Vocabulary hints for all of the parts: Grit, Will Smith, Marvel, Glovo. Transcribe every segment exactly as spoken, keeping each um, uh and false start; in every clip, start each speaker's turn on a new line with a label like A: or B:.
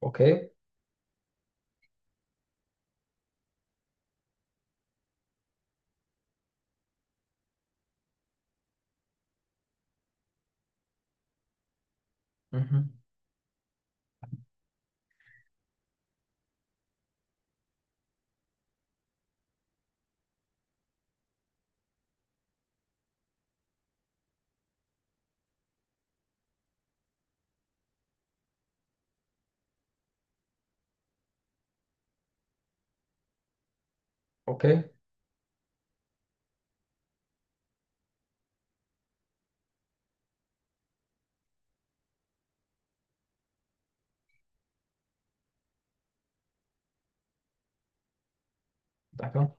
A: Ok. Mhm. Ok. D'accord.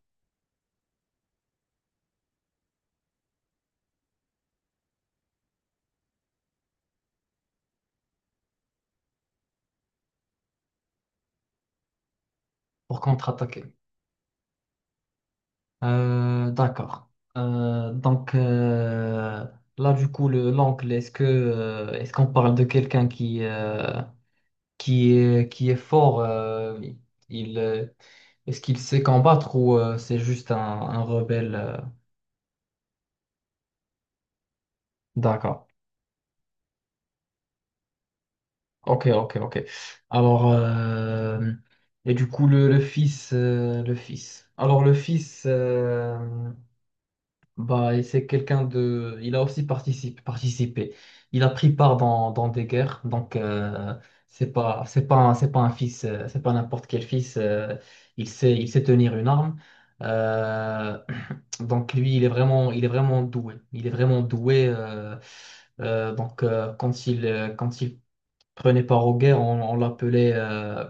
A: Pour contre-attaquer. Euh, d'accord. Euh, donc euh, Là, du coup, le l'angle, est-ce que euh, est-ce qu'on parle de quelqu'un qui euh, qui est qui est fort, euh, il euh, est-ce qu'il sait combattre ou euh, c'est juste un, un rebelle euh D'accord. Ok, ok, ok. Alors euh, et du coup le, le fils, euh, le fils. Alors le fils. euh, Bah, et c'est quelqu'un de... Il a aussi participé, participé. Il a pris part dans, dans des guerres. Donc, euh, c'est pas, c'est pas, un- c'est pas un fils, euh, c'est pas n'importe quel fils. Euh, il sait, il sait tenir une arme. Euh, donc lui, il est vraiment, il est vraiment doué. Il est vraiment doué. Euh, euh, donc, euh, quand il... euh, quand il prenait part aux guerres, on, on l'appelait... euh,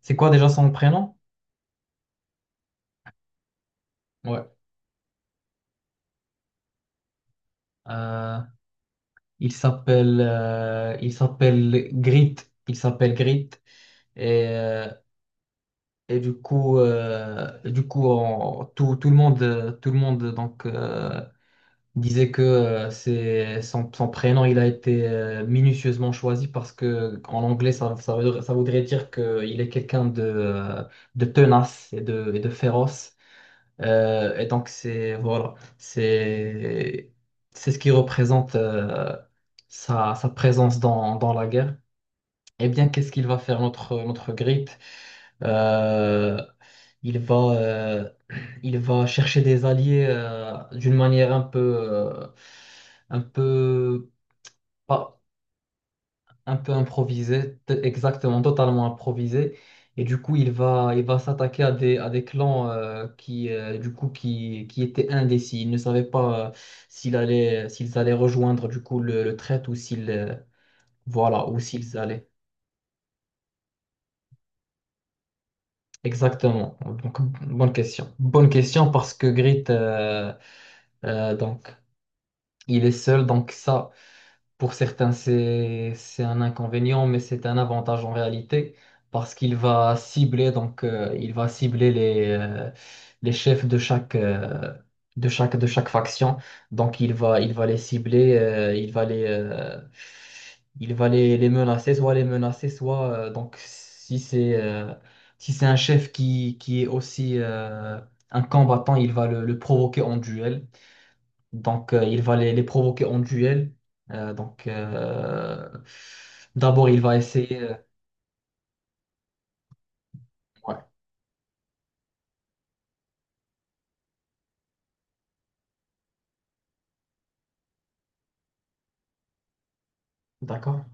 A: c'est quoi déjà son prénom? Ouais. Euh, Il s'appelle euh, il s'appelle Grit. Il s'appelle Grit. Et, euh, et du coup, euh, du coup on- tout, tout le monde, euh, tout le monde donc, euh, disait que euh, c'est, son, son prénom il a été euh, minutieusement choisi parce que en anglais, ça, ça, veut- ça voudrait dire qu'il est quelqu'un de, euh, de tenace et de, et de féroce. Euh, et donc, c'est voilà, c'est c'est ce qui représente euh, sa, sa présence dans, dans la guerre. Eh bien, qu'est-ce qu'il va faire notre, notre Grip? Euh, il va, euh, il va chercher des alliés, euh, d'une manière un peu, euh, un peu pas, un peu improvisé, t- exactement, totalement improvisé. Et du coup, il va, il va s'attaquer à des, à des clans, euh, qui, euh, du coup, qui, qui étaient indécis. Ils ne savaient pas euh, s'ils allaient, s'ils allaient rejoindre du coup le, le traître ou s'ils, euh, voilà, ou s'ils allaient. Exactement. Donc, bonne question. Bonne question parce que Grit, euh, euh, donc, il est seul. Donc ça, pour certains, c'est, c'est un inconvénient, mais c'est un avantage en réalité parce qu'il va cibler, donc, euh, il va cibler les, euh, les chefs de chaque, euh, de chaque, de chaque faction. Donc, il va, il va les cibler, euh, il va les, euh, il va les, les menacer, soit les menacer, soit, euh, donc, si c'est, euh, si c'est un chef qui, qui est aussi, euh, un combattant, il va le, le provoquer en duel. Donc, euh, il va les, les provoquer en duel. Euh, donc, euh, D'abord, il va essayer. Euh, ouais, d'accord.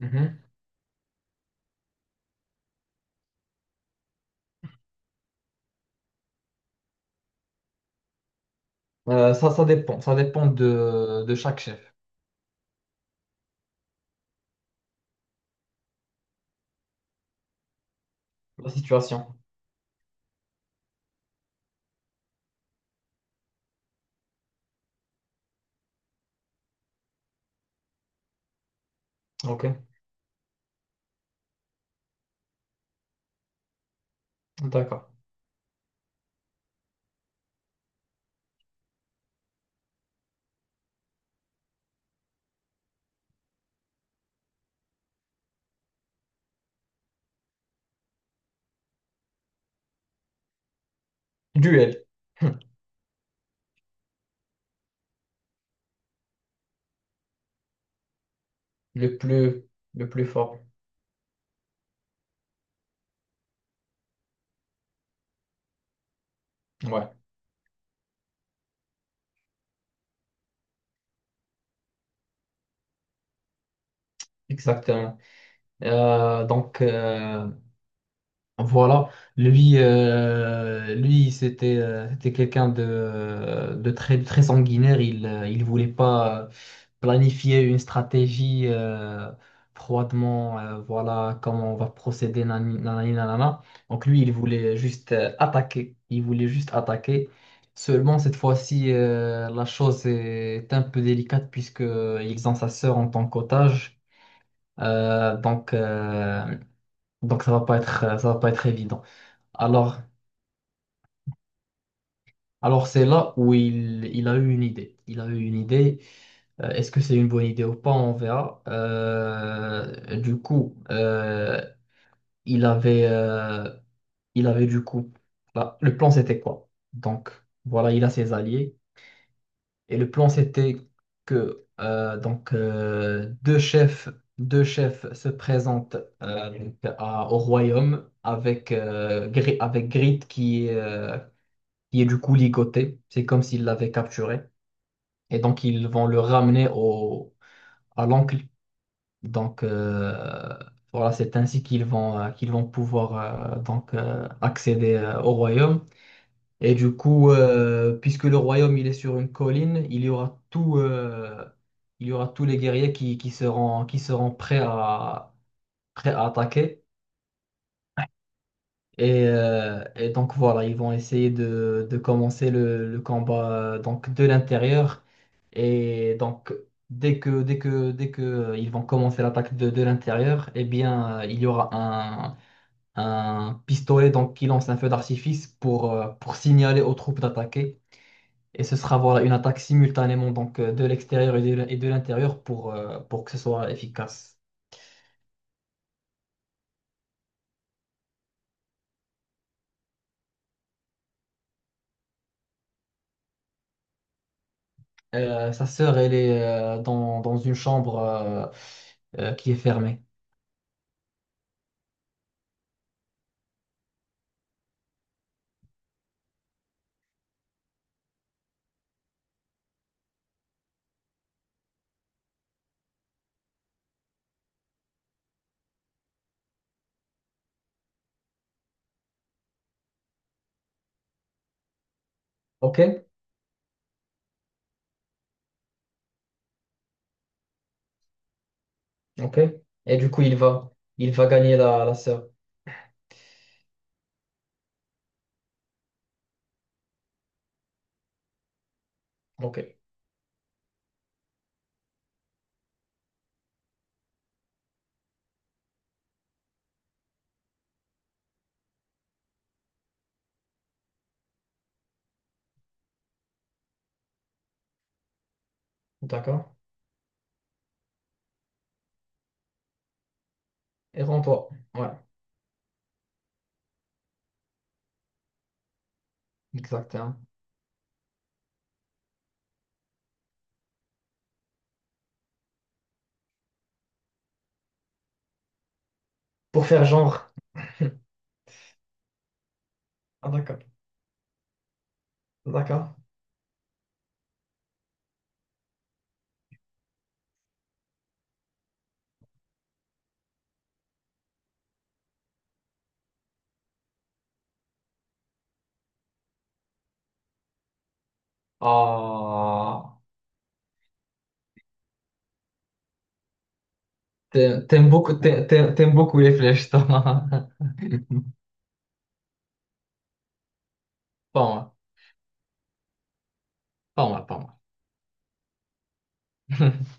A: Mhm. Euh, ça, ça dépend. Ça dépend de, de chaque chef, la situation. Ok, d'accord. Duel. le plus, le plus fort. Ouais, exactement. Euh, donc, euh, Voilà, lui, euh, lui c'était euh, c'était quelqu'un de, de très, très sanguinaire. Il euh, il voulait pas euh, planifier une stratégie euh, froidement. Euh, voilà comment on va procéder, nani- nanani, nanana. Donc lui, il voulait juste euh, attaquer. Il voulait juste attaquer. Seulement, cette fois-ci, euh, la chose est un peu délicate puisque ils ont sa sœur en tant qu'otage. Euh, donc, euh, donc ça va pas être, ça va pas être évident. Alors, alors c'est là où il, il a eu une idée. Il a eu une idée. Euh, est-ce que c'est une bonne idée ou pas? On verra. Euh, du coup, euh, il avait, euh, il avait du coup, là, le plan c'était quoi? Donc, voilà, il a ses alliés. Et le plan c'était que euh, donc, euh, deux chefs, deux chefs se présentent euh, donc, à- au royaume avec, euh, Gri- avec Grid qui est euh, qui est du coup ligoté. C'est comme s'il l'avait capturé. Et donc, ils vont le ramener au, à l'oncle. Donc, euh, voilà, c'est ainsi qu'ils vont, euh, qu'ils vont pouvoir euh, donc, euh, accéder euh, au royaume. Et du coup, euh, puisque le royaume il est sur une colline, il y aura tout, euh, il y aura tous les guerriers qui, qui seront, qui seront prêts à, prêts à attaquer. Et, euh, et donc voilà, ils vont essayer de, de commencer le, le combat, euh, donc de l'intérieur. Et donc, dès que, dès que, dès que euh, ils vont commencer l'attaque de, de l'intérieur, eh bien, euh, il y aura un, un pistolet donc, qui lance un feu d'artifice pour, euh, pour signaler aux troupes d'attaquer. Et ce sera voilà, une attaque simultanément donc, euh, de l'extérieur et de, et de l'intérieur pour, euh, pour que ce soit efficace. Euh, sa sœur, elle est euh, dans, dans une chambre euh, euh, qui est fermée. Ok, ok. Et du coup, il va, il va gagner la, la sœur. Ok, d'accord. Et rends-toi. Ouais. Exactement. Pour faire genre. Ah, d'accord. D'accord. Ah, t'aimes t'aimes beaucoup, t'aimes, t'aimes- t'aimes beaucoup les flèches, toi. Pas moi, pas moi, pas moi.